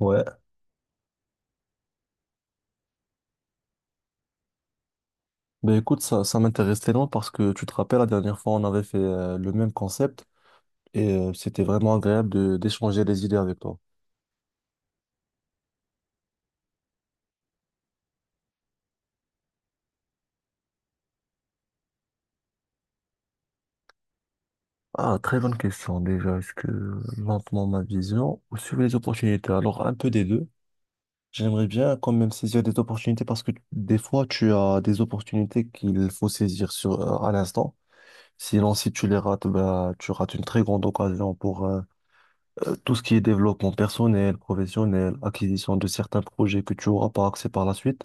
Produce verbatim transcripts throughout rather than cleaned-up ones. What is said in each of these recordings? Ouais, ben écoute, ça, ça m'intéresse tellement parce que tu te rappelles, la dernière fois, on avait fait euh, le même concept et euh, c'était vraiment agréable de d'échanger des idées avec toi. Ah, très bonne question déjà. Est-ce que lentement ma vision ou suivre les opportunités? Alors, un peu des deux. J'aimerais bien quand même saisir des opportunités parce que des fois, tu as des opportunités qu'il faut saisir sur, euh, à l'instant. Sinon, si tu les rates, bah, tu rates une très grande occasion pour, euh, euh, tout ce qui est développement personnel, professionnel, acquisition de certains projets que tu auras par accès par la suite.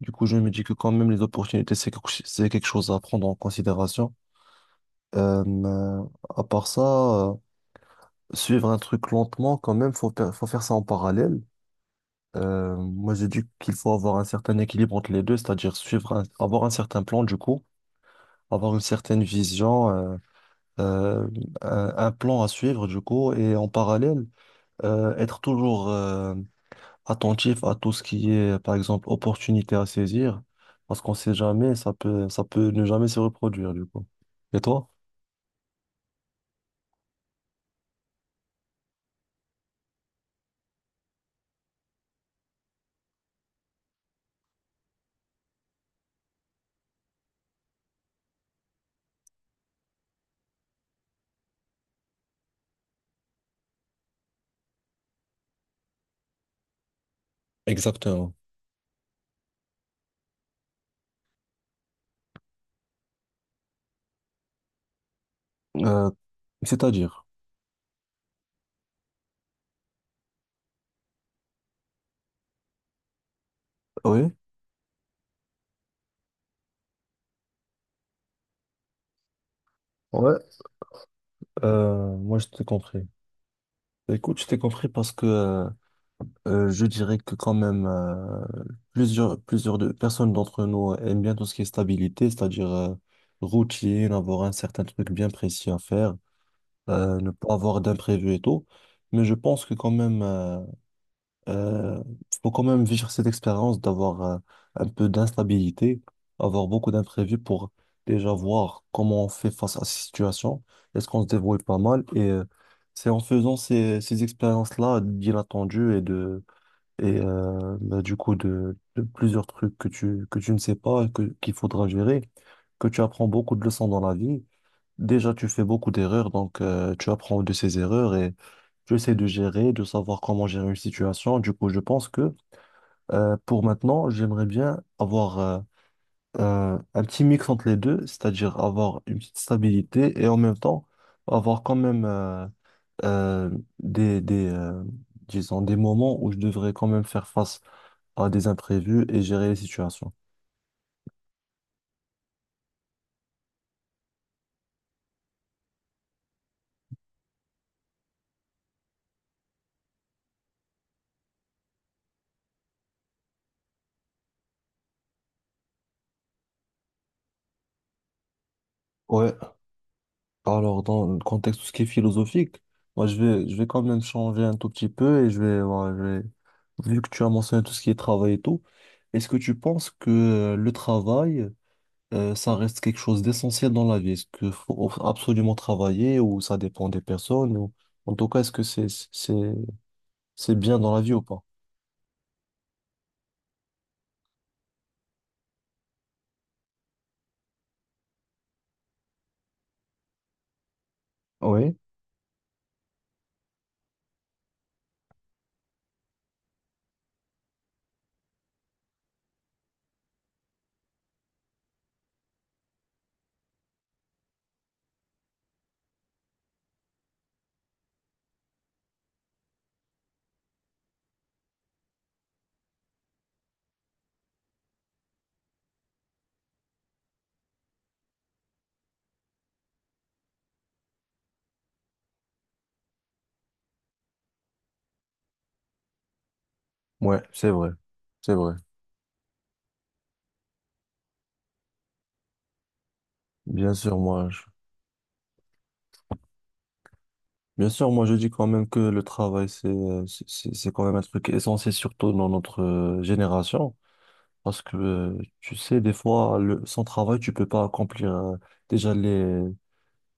Du coup, je me dis que quand même, les opportunités, c'est quelque ch- c'est quelque chose à prendre en considération. Euh, euh, à part ça, euh, suivre un truc lentement, quand même, faut, faire- faut faire ça en parallèle. Euh, moi, j'ai dit qu'il faut avoir un certain équilibre entre les deux, c'est-à-dire suivre un- avoir un certain plan, du coup, avoir une certaine vision, euh, euh, un, un plan à suivre, du coup, et en parallèle, euh, être toujours euh, attentif à tout ce qui est, par exemple, opportunité à saisir, parce qu'on sait jamais, ça peut, ça peut ne jamais se reproduire, du coup. Et toi? Exactement. Euh, C'est-à-dire, oui, ouais, euh, moi je t'ai compris. Écoute, je t'ai compris parce que euh, Euh, je dirais que quand même, euh, plusieurs plusieurs de personnes d'entre nous aiment bien tout ce qui est stabilité, c'est-à-dire, euh, routine, avoir un certain truc bien précis à faire, euh, ne pas avoir d'imprévus et tout. Mais je pense que quand même, euh, euh, faut quand même vivre cette expérience d'avoir, euh, un peu d'instabilité, avoir beaucoup d'imprévus pour déjà voir comment on fait face à ces situations, est-ce qu'on se débrouille pas mal et euh, c'est en faisant ces, ces expériences-là d'inattendues et de et euh, bah, du coup de, de plusieurs trucs que tu, que tu ne sais pas et que, qu'il faudra gérer, que tu apprends beaucoup de leçons dans la vie. Déjà, tu fais beaucoup d'erreurs, donc euh, tu apprends de ces erreurs et tu essaies de gérer, de savoir comment gérer une situation. Du coup, je pense que euh, pour maintenant, j'aimerais bien avoir euh, un, un petit mix entre les deux, c'est-à-dire avoir une petite stabilité et en même temps avoir quand même, euh, euh, des, des, euh, disons, des moments où je devrais quand même faire face à des imprévus et gérer les situations. Ouais, alors dans le contexte tout ce qui est philosophique, moi je vais, je vais quand même changer un tout petit peu et je vais, voilà, je vais- vu que tu as mentionné tout ce qui est travail et tout, est-ce que tu penses que euh, le travail, euh, ça reste quelque chose d'essentiel dans la vie? Est-ce qu'il faut absolument travailler ou ça dépend des personnes ou en tout cas, est-ce que c'est, c'est, c'est bien dans la vie ou pas? Oui. Ouais, c'est vrai, c'est vrai. Bien sûr, moi, je... bien sûr, moi, je dis quand même que le travail, c'est, euh, c'est c'est- c'est quand même un truc essentiel, surtout dans notre euh, génération, parce que euh, tu sais, des fois, le... sans travail, tu peux pas accomplir euh, déjà les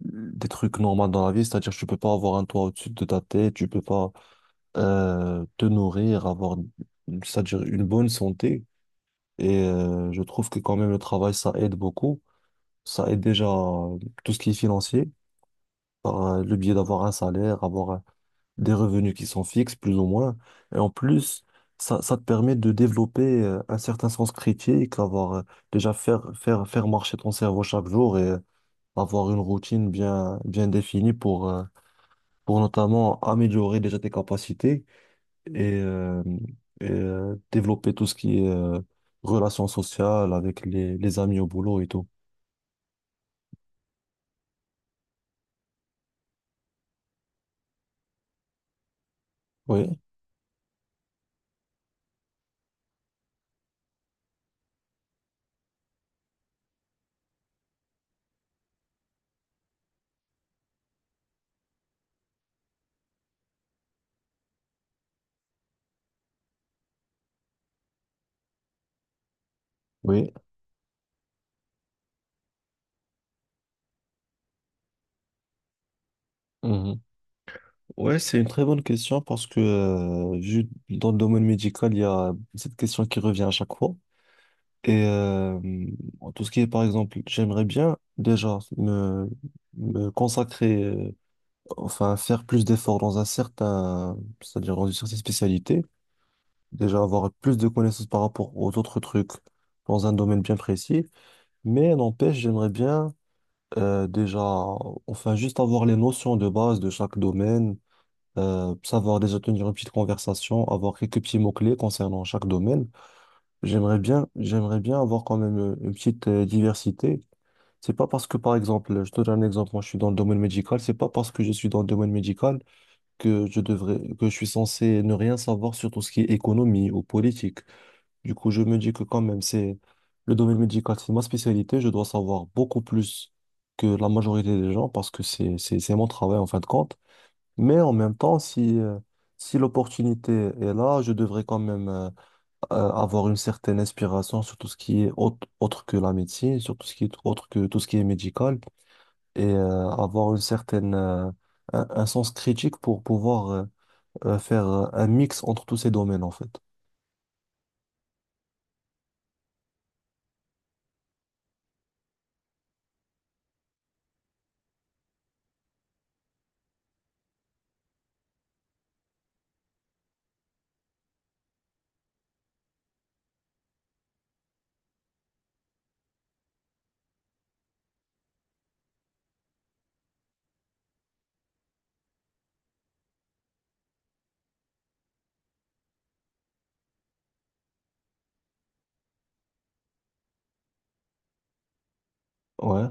des trucs normaux dans la vie, c'est-à-dire tu peux pas avoir un toit au-dessus de ta tête, tu peux pas euh, te nourrir, avoir, c'est-à-dire une bonne santé. Et euh, je trouve que quand même le travail, ça aide beaucoup, ça aide déjà, euh, tout ce qui est financier, par euh, le biais d'avoir un salaire, avoir euh, des revenus qui sont fixes, plus ou moins. Et en plus, ça, ça te permet de développer euh, un certain sens critique, avoir euh, déjà faire, faire, faire marcher ton cerveau chaque jour et euh, avoir une routine bien, bien définie pour, euh, pour notamment améliorer déjà tes capacités et, euh, et, euh, développer tout ce qui est euh, relations sociales avec les, les amis au boulot et tout. Oui, oui. Ouais, c'est une très bonne question parce que euh, vu dans le domaine médical, il y a cette question qui revient à chaque fois. Et euh, en tout ce qui est, par exemple, j'aimerais bien déjà me, me consacrer, euh, enfin faire plus d'efforts dans un certain, c'est-à-dire dans une certaine spécialité, déjà avoir plus de connaissances par rapport aux autres trucs dans un domaine bien précis. Mais n'empêche, j'aimerais bien, euh, déjà, enfin juste avoir les notions de base de chaque domaine, euh, savoir déjà tenir une petite conversation, avoir quelques petits mots-clés concernant chaque domaine. J'aimerais bien, j'aimerais bien avoir quand même euh, une petite euh, diversité. C'est pas parce que, par exemple, je te donne un exemple, moi je suis dans le domaine médical, c'est pas parce que je suis dans le domaine médical que je devrais, que je suis censé ne rien savoir sur tout ce qui est économie ou politique. Du coup, je me dis que quand même, c'est le domaine médical, c'est ma spécialité, je dois savoir beaucoup plus que la majorité des gens parce que c'est, c'est, c'est mon travail en fin de compte. Mais en même temps, si, euh, si l'opportunité est là, je devrais quand même euh, euh, avoir une certaine inspiration sur tout ce qui est autre, autre que la médecine, sur tout ce qui est autre que tout ce qui est médical, et euh, avoir une certaine, euh, un, un sens critique pour pouvoir euh, euh, faire euh, un mix entre tous ces domaines, en fait. Ouais,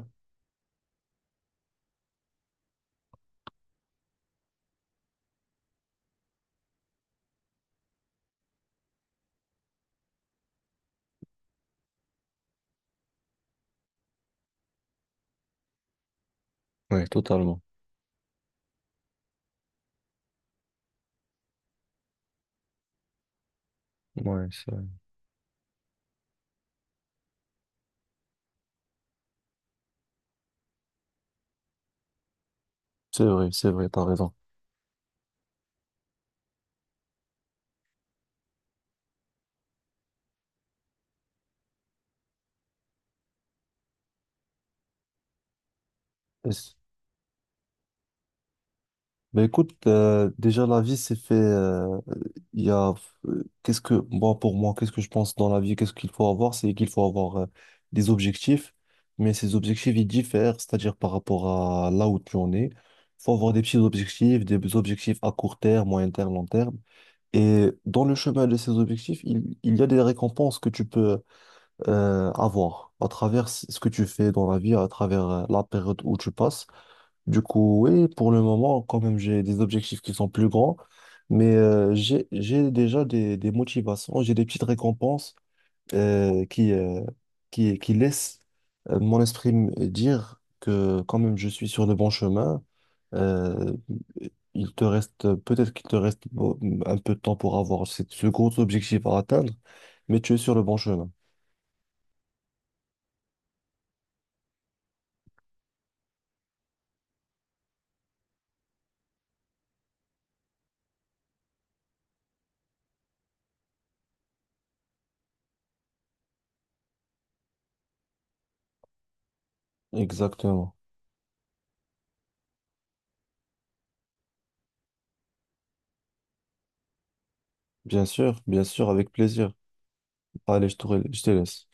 ouais, totalement. Ouais, c'est vrai, c'est vrai, c'est vrai, t'as raison. Et c- Ben écoute, euh, déjà la vie c'est fait. Euh, Il y a euh, qu'est-ce que moi Pour moi, qu'est-ce que je pense dans la vie, qu'est-ce qu'il faut avoir, c'est qu'il faut avoir euh, des objectifs, mais ces objectifs ils diffèrent, c'est-à-dire par rapport à là où tu en es. Faut avoir des petits objectifs, des objectifs à court terme, moyen terme, long terme. Et dans le chemin de ces objectifs, il, il y a des récompenses que tu peux euh, avoir à travers ce que tu fais dans la vie, à travers euh, la période où tu passes. Du coup, oui, pour le moment, quand même, j'ai des objectifs qui sont plus grands, mais euh, j'ai, j'ai déjà des, des motivations, j'ai des petites récompenses euh, qui, euh, qui, qui laissent euh, mon esprit me dire que quand même, je suis sur le bon chemin. Euh, il te reste, peut-être qu'il te reste bon, un peu de temps pour avoir cette- ce gros objectif à atteindre, mais tu es sur le bon chemin. Exactement. Bien sûr, bien sûr, avec plaisir. Allez, je te, re- je te laisse.